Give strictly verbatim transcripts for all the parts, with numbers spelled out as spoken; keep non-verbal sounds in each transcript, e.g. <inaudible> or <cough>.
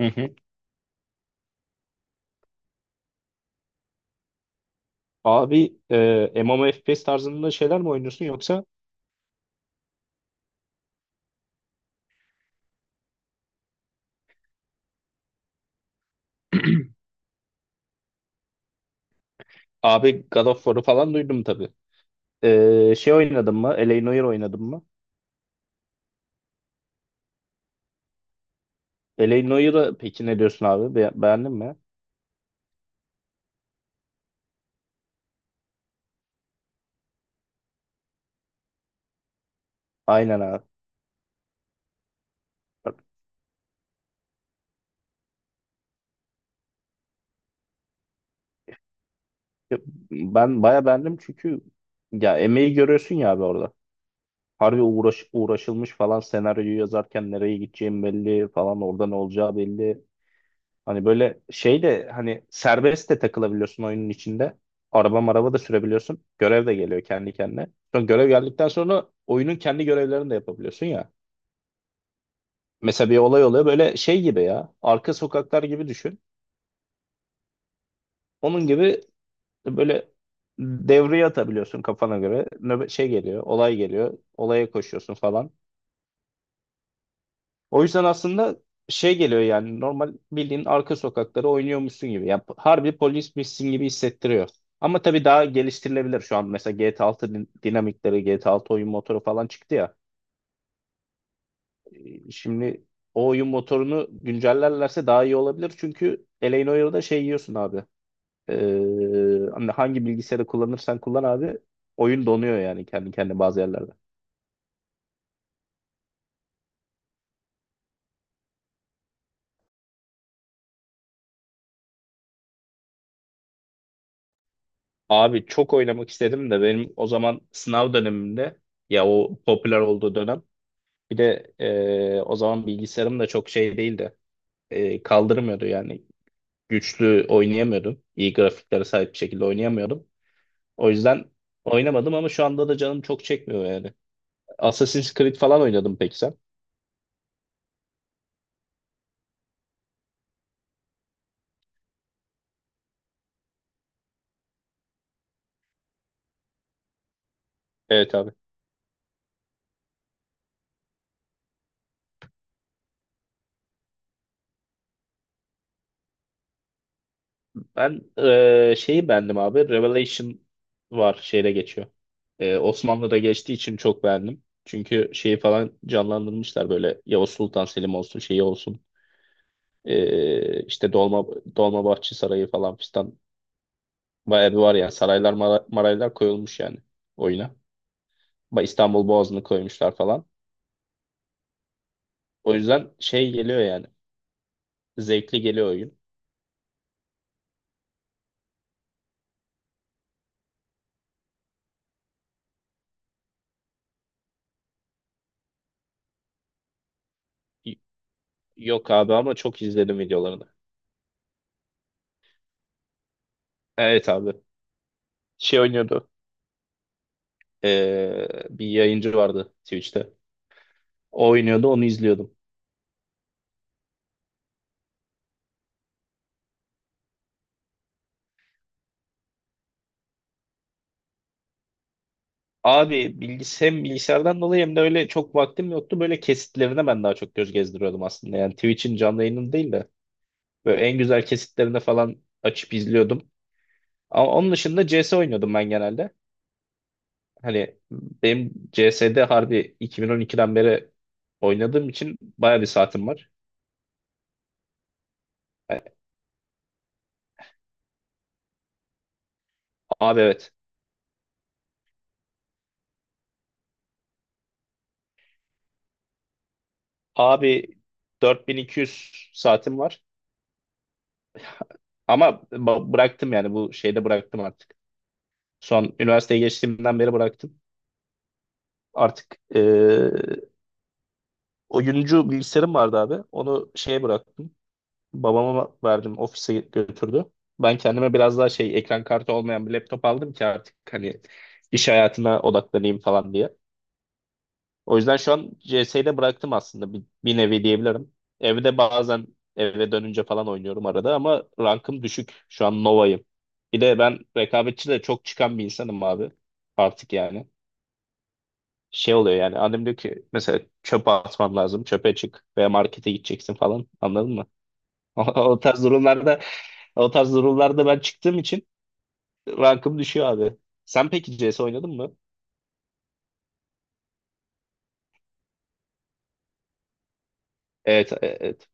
Hı hı. Abi e, M M O F P S tarzında şeyler mi oynuyorsun yoksa <clears throat> abi God of War'u falan duydum tabii. E, şey oynadın mı? L A. Noire oynadın mı? L A. Noire'ı peki ne diyorsun abi? Be- beğendin mi? Aynen abi. Bak, e, ben baya beğendim, çünkü ya emeği görüyorsun ya abi orada. Harbi uğraş, uğraşılmış falan senaryoyu yazarken nereye gideceğim belli, falan orada ne olacağı belli. Hani böyle şey de hani serbest de takılabiliyorsun oyunun içinde. Araba maraba da sürebiliyorsun. Görev de geliyor kendi kendine. Sonra görev geldikten sonra oyunun kendi görevlerini de yapabiliyorsun ya. Mesela bir olay oluyor böyle şey gibi ya. Arka sokaklar gibi düşün. Onun gibi böyle devreye atabiliyorsun kafana göre. Nöbet şey geliyor, olay geliyor. Olaya koşuyorsun falan. O yüzden aslında şey geliyor yani normal bildiğin arka sokakları oynuyormuşsun gibi. Ya harbi polismişsin gibi hissettiriyor. Ama tabii daha geliştirilebilir şu an. Mesela G T A altı din- dinamikleri, G T A altı oyun motoru falan çıktı ya. E, Şimdi o oyun motorunu güncellerlerse daha iyi olabilir. Çünkü Elane Oyun'da şey yiyorsun abi. Ee, hani hangi bilgisayarı kullanırsan kullan abi. Oyun donuyor yani kendi kendine bazı yerlerde. Abi çok oynamak istedim de benim o zaman sınav dönemimde, ya o popüler olduğu dönem. Bir de e, o zaman bilgisayarım da çok şey değildi. E, kaldırmıyordu yani. Güçlü oynayamıyordum. İyi grafiklere sahip bir şekilde oynayamıyordum. O yüzden oynamadım, ama şu anda da canım çok çekmiyor yani. Assassin's Creed falan oynadım, peki sen? Evet abi. Ben e, şeyi beğendim abi. Revelation var, şeyde geçiyor. E, Osmanlı'da geçtiği için çok beğendim. Çünkü şeyi falan canlandırmışlar böyle, Yavuz Sultan Selim olsun şeyi olsun. Ee, işte Dolma Dolmabahçe Sarayı falan fistan, bayağı bir var yani saraylar mara- maraylar koyulmuş yani oyuna. Ba- İstanbul Boğazı'nı koymuşlar falan. O yüzden şey geliyor yani, zevkli geliyor oyun. Y- Yok abi, ama çok izledim videolarını. Evet abi şey oynuyordu, ee, bir yayıncı vardı Twitch'te. O oynuyordu, onu izliyordum. Abi bilgis hem bilgisayardan dolayı hem de öyle çok vaktim yoktu. Böyle kesitlerine ben daha çok göz gezdiriyordum aslında. Yani Twitch'in canlı yayını değil de böyle en güzel kesitlerinde falan açıp izliyordum. Ama onun dışında C S oynuyordum ben genelde. Hani benim C S'de harbi iki bin on ikiden beri oynadığım için baya bir saatim var. Yani abi evet. Abi dört bin iki yüz saatim var. Ama ba- bıraktım yani, bu şeyde bıraktım artık. Son üniversiteye geçtiğimden beri bıraktım. Artık eee oyuncu bilgisayarım vardı abi. Onu şeye bıraktım. Babama verdim. Ofise götürdü. Ben kendime biraz daha şey, ekran kartı olmayan bir laptop aldım ki artık hani iş hayatına odaklanayım falan diye. O yüzden şu an C S'yi de bıraktım aslında, bir, bir nevi diyebilirim. Evde bazen eve dönünce falan oynuyorum arada, ama rankım düşük. Şu an Nova'yım. Bir de ben rekabetçi de çok çıkan bir insanım abi. Artık yani. Şey oluyor yani, annem diyor ki mesela çöpe atman lazım, çöpe çık veya markete gideceksin falan, anladın mı? <laughs> O tarz durumlarda O tarz durumlarda ben çıktığım için rankım düşüyor abi. Sen peki C S oynadın mı? Evet, e, evet.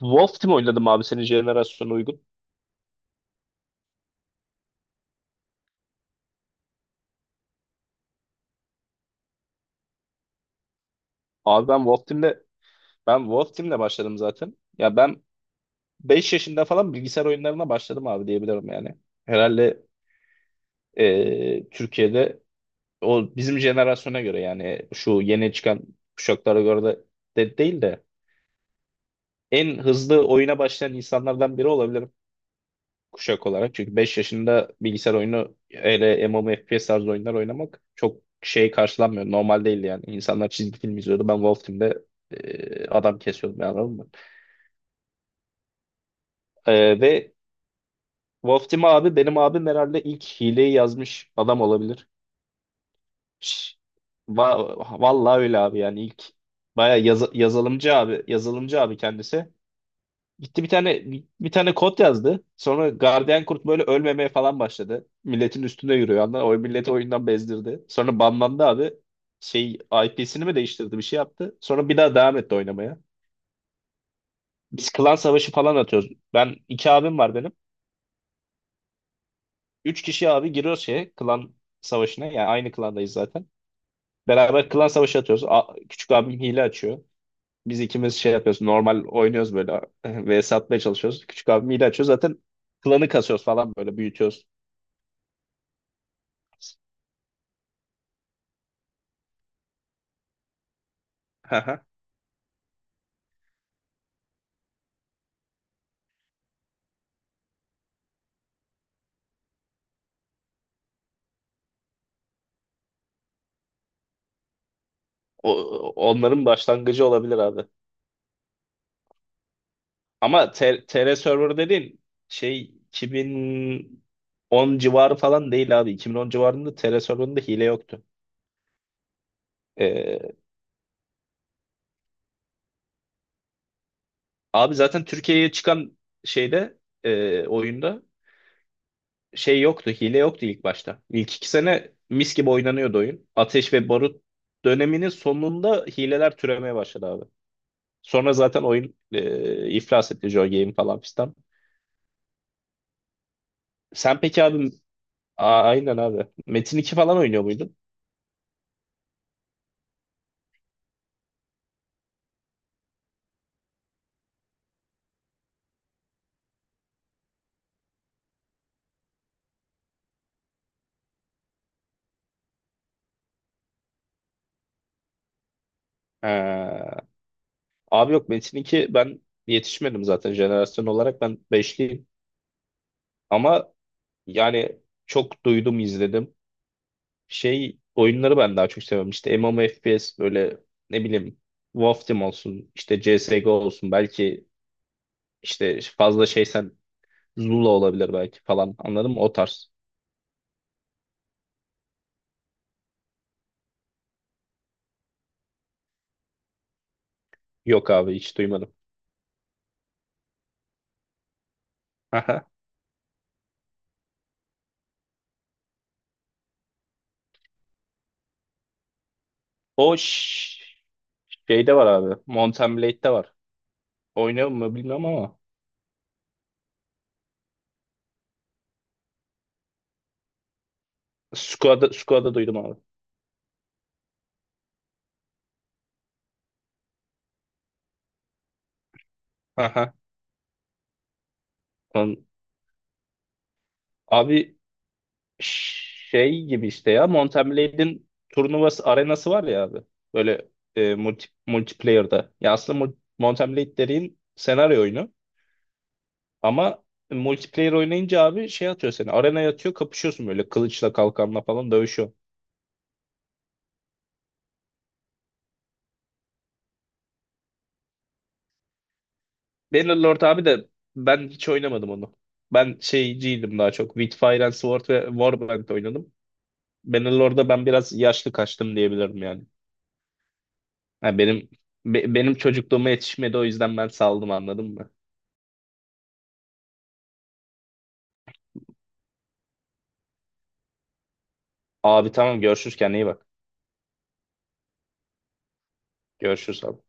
Wolf Team oynadım abi, senin jenerasyona uygun. Abi ben Wolf Team'le ben Wolf Team'le başladım zaten. Ya ben beş yaşında falan bilgisayar oyunlarına başladım abi, diyebilirim yani. Herhalde e, Türkiye'de o bizim jenerasyona göre, yani şu yeni çıkan kuşaklara göre de, de değil de, en hızlı oyuna başlayan insanlardan biri olabilirim kuşak olarak. Çünkü beş yaşında bilgisayar oyunu öyle M M O F P S tarzı oyunlar oynamak çok şey karşılanmıyor. Normal değil yani. İnsanlar çizgi film izliyordu. Ben Wolf Team'de e, adam kesiyordum yani, anladın mı? E, ve Wolf Team abi, benim abim herhalde ilk hileyi yazmış adam olabilir. Şş, va- vallahi öyle abi, yani ilk baya yazılımcı abi yazılımcı abi kendisi. Gitti bir tane bir tane kod yazdı. Sonra gardiyan kurt böyle ölmemeye falan başladı. Milletin üstüne yürüyor, anladın mı? O milleti oyundan bezdirdi. Sonra banlandı abi. Şey, I P'sini mi değiştirdi, bir şey yaptı. Sonra bir daha devam etti oynamaya. Biz klan savaşı falan atıyoruz. Ben iki abim var benim. Üç kişi abi giriyoruz şeye, klan savaşına. Yani aynı klandayız zaten. Beraber klan savaşı atıyoruz. A- küçük abim hile açıyor. Biz ikimiz şey yapıyoruz. Normal oynuyoruz böyle. <laughs> Ve satmaya çalışıyoruz. Küçük abim hile açıyor. Zaten klanı kasıyoruz falan, böyle büyütüyoruz. Haha. O, onların başlangıcı olabilir abi. Ama T- TR Server dediğin şey iki bin on civarı falan değil abi. iki bin on civarında T R Server'ında hile yoktu. Ee, abi zaten Türkiye'ye çıkan şeyde, e, oyunda şey yoktu. Hile yoktu ilk başta. İlk iki sene mis gibi oynanıyordu oyun. Ateş ve Barut döneminin sonunda hileler türemeye başladı abi. Sonra zaten oyun e, iflas etti. Joy Game falan fistan. Sen peki abi? A- aynen abi. Metin iki falan oynuyor muydun? Ee, abi yok Metin iki, ben yetişmedim zaten jenerasyon olarak, ben beşliyim. Ama yani çok duydum izledim. Şey oyunları ben daha çok seviyorum. İşte M M O F P S böyle, ne bileyim, Wolf Team olsun işte, C S G O olsun belki, işte fazla şeysen Zula olabilir belki falan, anladın mı? O tarz. Yok abi hiç duymadım. Aha. O ş- şeyde var abi. Mountain Blade'de var. Oynuyor mu bilmiyorum ama. Squad'ı Squad'ı duydum abi. Aha. Onun- Abi şey gibi, işte ya, Mountain Blade'in turnuvası arenası var ya abi. Böyle e, multi, multiplayer'da. Ya aslında mul- Mountain Blade dediğin senaryo oyunu. Ama multiplayer oynayınca abi şey atıyor seni. Arenaya atıyor, kapışıyorsun böyle, kılıçla kalkanla falan dövüşüyor. Bannerlord abi de, ben hiç oynamadım onu. Ben şeyciydim daha çok. With Fire and Sword ve Warband oynadım. Bannerlord'da ben biraz yaşlı kaçtım diyebilirim yani. Ha, benim be- benim çocukluğuma yetişmedi, o yüzden ben saldım, anladın mı? Abi tamam görüşürüz, kendine iyi bak. Görüşürüz abi.